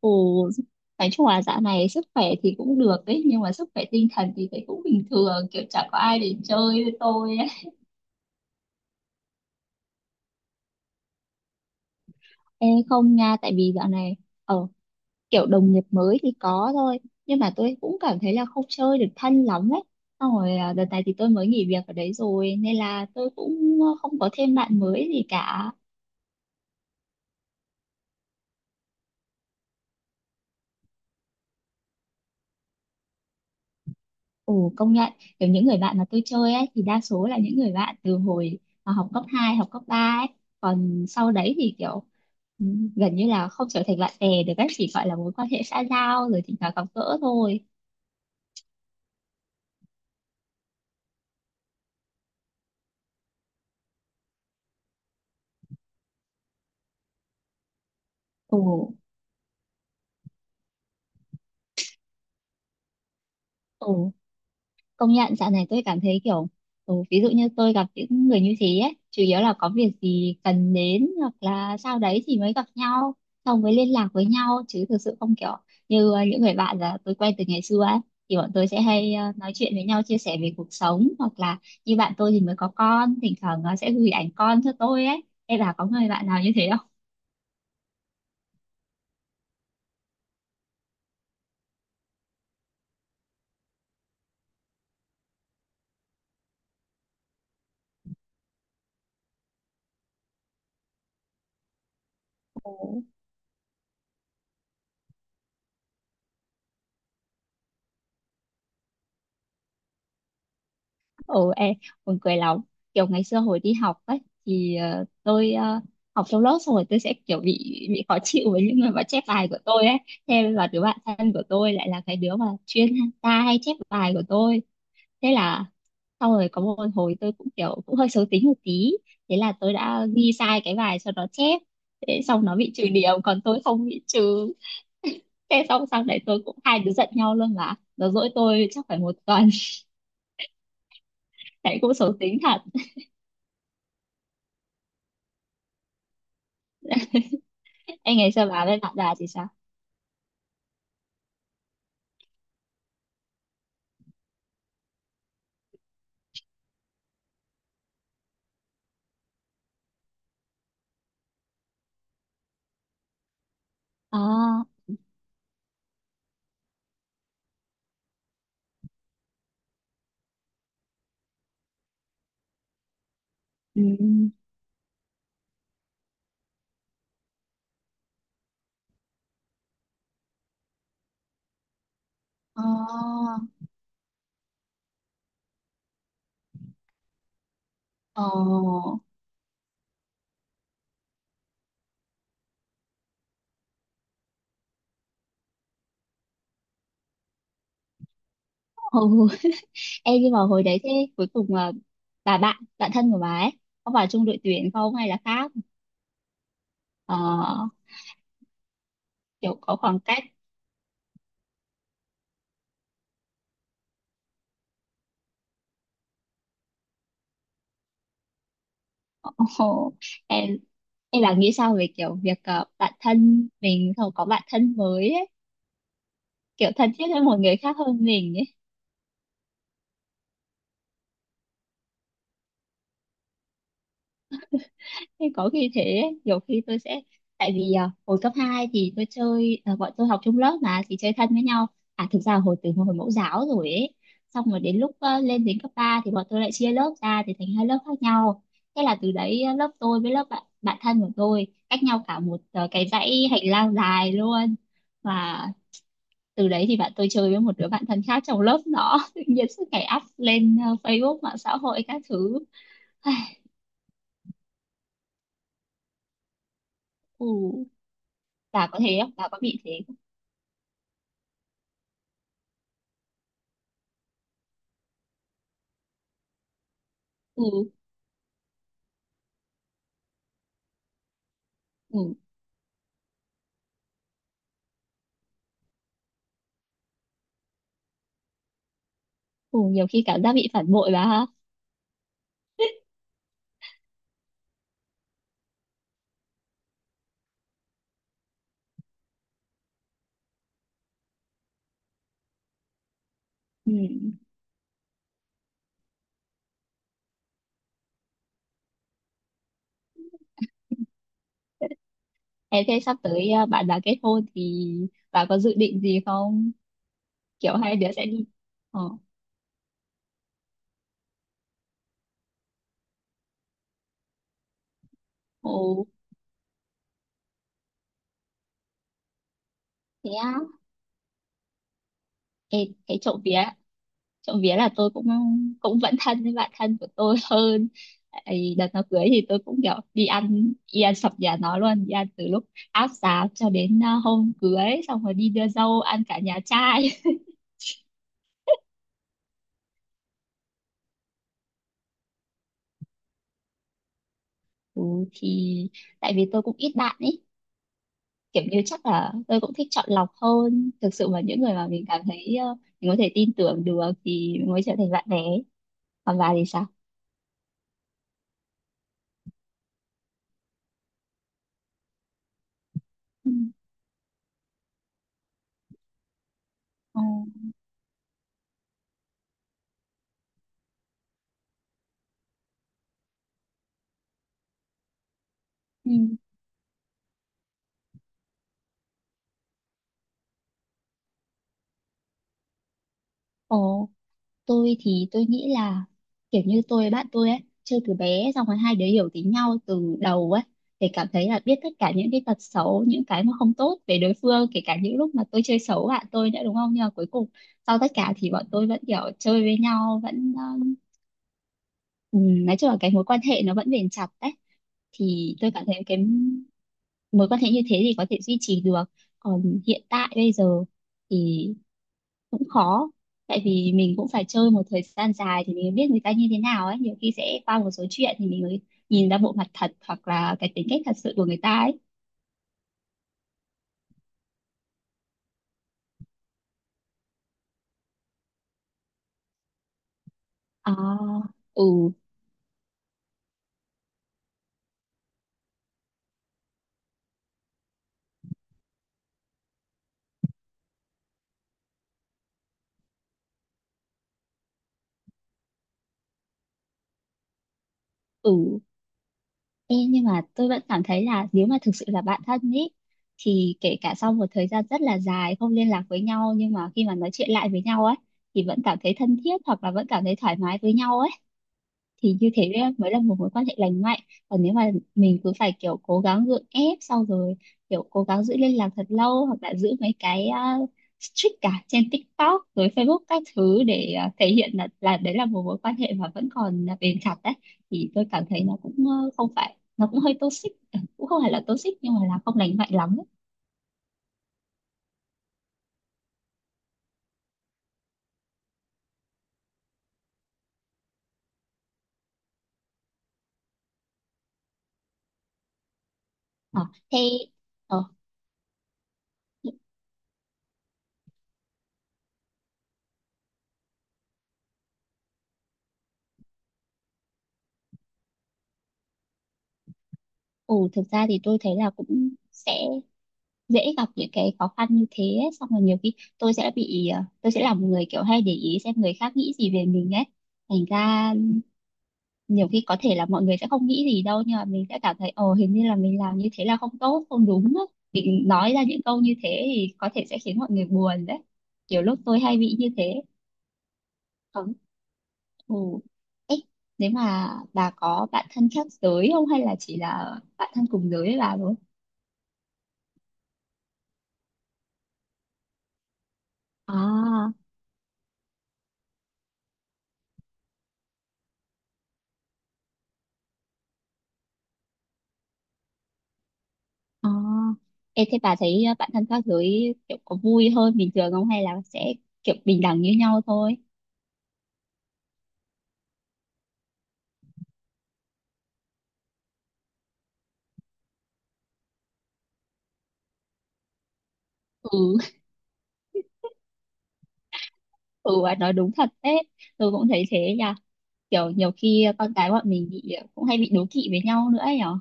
Ồ, nói chung là dạo này sức khỏe thì cũng được ấy, nhưng mà sức khỏe tinh thần thì thấy cũng bình thường, kiểu chẳng có ai để chơi với tôi ấy. Ê, không nha, tại vì dạo này, ờ, kiểu đồng nghiệp mới thì có thôi, nhưng mà tôi cũng cảm thấy là không chơi được thân lắm ấy. Xong rồi à, đợt này thì tôi mới nghỉ việc ở đấy rồi, nên là tôi cũng không có thêm bạn mới gì cả. Ồ công nhận kiểu những người bạn mà tôi chơi ấy thì đa số là những người bạn từ hồi mà học cấp 2, học cấp 3 ấy, còn sau đấy thì kiểu ừ, gần như là không trở thành bạn bè được, các chỉ gọi là mối quan hệ xã giao rồi thỉnh thoảng gặp gỡ thôi. Ồ ồ công nhận dạo này tôi cảm thấy kiểu ví dụ như tôi gặp những người như thế ấy chủ yếu là có việc gì cần đến hoặc là sau đấy thì mới gặp nhau, xong mới liên lạc với nhau chứ thực sự không kiểu như những người bạn là tôi quen từ ngày xưa ấy, thì bọn tôi sẽ hay nói chuyện với nhau chia sẻ về cuộc sống, hoặc là như bạn tôi thì mới có con thỉnh thoảng sẽ gửi ảnh con cho tôi ấy. Em là có người bạn nào như thế không? Ừ em buồn cười lắm, kiểu ngày xưa hồi đi học ấy thì tôi học trong lớp xong rồi tôi sẽ kiểu bị khó chịu với những người mà chép bài của tôi ấy. Thế và đứa bạn thân của tôi lại là cái đứa mà chuyên ta hay chép bài của tôi. Thế là xong rồi có một hồi tôi cũng kiểu cũng hơi xấu tính một tí, thế là tôi đã ghi sai cái bài cho nó chép. Thế xong nó bị trừ điểm còn tôi không bị trừ. Thế xong sau đấy tôi cũng hai đứa giận nhau luôn, mà nó dỗi tôi chắc phải một tuần. Đấy, cũng xấu tính thật. Em nghĩ sao bà với bạn đà thì sao? À, ừ, à, ờ, Ồ, em nhưng mà hồi đấy thế cuối cùng là bà bạn, bạn thân của bà ấy có vào chung đội tuyển không hay là khác? Ờ, kiểu có khoảng cách. Ồ, em em là nghĩ sao về kiểu việc bạn thân mình không có bạn thân mới ấy, kiểu thân thiết với một người khác hơn mình ấy. Thế có khi thế ấy, nhiều khi tôi sẽ tại vì hồi cấp 2 thì tôi chơi bọn tôi học chung lớp mà thì chơi thân với nhau, à thực ra hồi từ hồi mẫu giáo rồi ấy, xong rồi đến lúc lên đến cấp 3 thì bọn tôi lại chia lớp ra thì thành hai lớp khác nhau. Thế là từ đấy lớp tôi với lớp bạn bạn thân của tôi cách nhau cả một cái dãy hành lang dài luôn. Và từ đấy thì bạn tôi chơi với một đứa bạn thân khác trong lớp nó tự nhiên suốt ngày up lên Facebook mạng xã hội các thứ. Ai, ừ, bà có thế không, bà có bị thế? Ừ, ừ, ừ, nhiều khi cảm giác bị phản bội bà ha. Ừ. Thế thế sắp tới bạn đã kết hôn thì bà có dự định gì không? Kiểu hai đứa sẽ đi ờ ồ thế á. Ê, thế trộm vía, trộm vía là tôi cũng cũng vẫn thân với bạn thân của tôi hơn. Ấy, đợt nó cưới thì tôi cũng kiểu đi ăn sập nhà nó luôn, đi ăn từ lúc áp giá cho đến hôm cưới xong rồi đi đưa dâu ăn cả nhà trai. Ừ, thì tại vì tôi cũng ít bạn ấy, kiểu như chắc là tôi cũng thích chọn lọc hơn, thực sự mà những người mà mình cảm thấy mình có thể tin tưởng được thì mình mới trở thành bạn bè. Còn bà thì sao? Ừ. Ờ. Ừ. Ồ, tôi thì tôi nghĩ là kiểu như tôi với bạn tôi ấy chơi từ bé xong rồi hai đứa hiểu tính nhau từ đầu ấy, để cảm thấy là biết tất cả những cái tật xấu những cái mà không tốt về đối phương, kể cả những lúc mà tôi chơi xấu bạn tôi nữa đúng không, nhưng mà cuối cùng sau tất cả thì bọn tôi vẫn kiểu chơi với nhau vẫn ừ, nói chung là cái mối quan hệ nó vẫn bền chặt đấy. Thì tôi cảm thấy cái mối quan hệ như thế thì có thể duy trì được, còn hiện tại bây giờ thì cũng khó, tại vì mình cũng phải chơi một thời gian dài thì mình mới biết người ta như thế nào ấy. Nhiều khi sẽ qua một số chuyện thì mình mới nhìn ra bộ mặt thật hoặc là cái tính cách thật sự của người ta ấy. à, ừ ừ. Ê, nhưng mà tôi vẫn cảm thấy là nếu mà thực sự là bạn thân ý thì kể cả sau một thời gian rất là dài không liên lạc với nhau, nhưng mà khi mà nói chuyện lại với nhau ấy thì vẫn cảm thấy thân thiết hoặc là vẫn cảm thấy thoải mái với nhau ấy, thì như thế đấy mới là một mối quan hệ lành mạnh. Còn nếu mà mình cứ phải kiểu cố gắng gượng ép, sau rồi kiểu cố gắng giữ liên lạc thật lâu hoặc là giữ mấy cái uh, streak cả trên TikTok rồi Facebook các thứ để thể hiện là đấy là một mối quan hệ mà vẫn còn là bền chặt đấy, thì tôi cảm thấy nó cũng không phải, nó cũng hơi toxic, cũng không phải là toxic nhưng mà là không lành mạnh lắm ấy. Ờ, thế ờ, ừ, thực ra thì tôi thấy là cũng sẽ dễ gặp những cái khó khăn như thế ấy. Xong rồi nhiều khi tôi sẽ bị tôi sẽ là một người kiểu hay để ý xem người khác nghĩ gì về mình ấy, thành ra nhiều khi có thể là mọi người sẽ không nghĩ gì đâu nhưng mà mình sẽ cảm thấy ồ hình như là mình làm như thế là không tốt không đúng á, mình nói ra những câu như thế thì có thể sẽ khiến mọi người buồn đấy. Kiểu lúc tôi hay bị như thế còn ừ. Ê, nếu mà bà có bạn thân khác giới không hay là chỉ là bạn thân cùng giới với bà thôi? à Ờ, Ê, thế bà thấy bạn thân khác giới kiểu có vui hơn bình thường không hay là sẽ kiểu bình đẳng như nhau thôi? Ừ, ừ bà nói đúng thật đấy, tôi cũng thấy thế nha. Kiểu nhiều khi con cái bọn mình bị cũng hay bị đố kỵ với nhau nữa ấy nhở.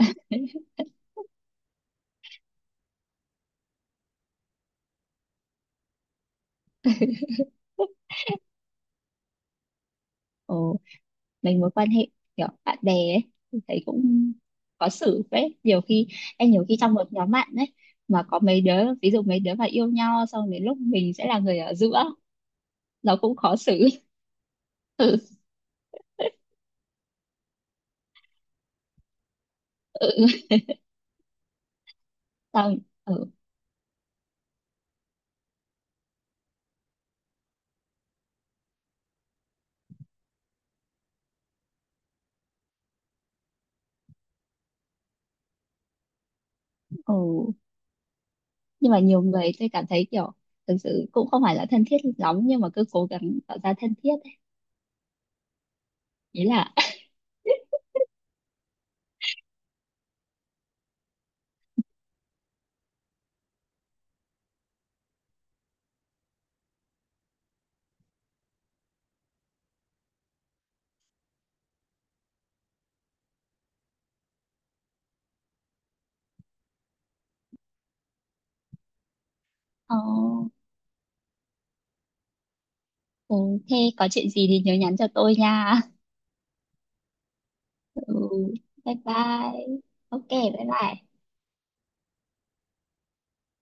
Ừ, mình mối quan hệ kiểu bạn bè ấy, tôi thấy cũng có xử đấy. Nhiều khi, em nhiều khi trong một nhóm bạn ấy mà có mấy đứa, ví dụ mấy đứa mà yêu nhau xong đến lúc mình sẽ là người ở giữa, nó cũng khó xử. Ừ, ừ, xong, ừ. Ừ. Nhưng mà nhiều người tôi cảm thấy kiểu thực sự cũng không phải là thân thiết lắm nhưng mà cứ cố gắng tạo ra thân thiết ấy. Ý là ờ, ừ, thế có chuyện gì thì nhớ nhắn cho tôi nha. Ừ, bye bye. Ok bye bye.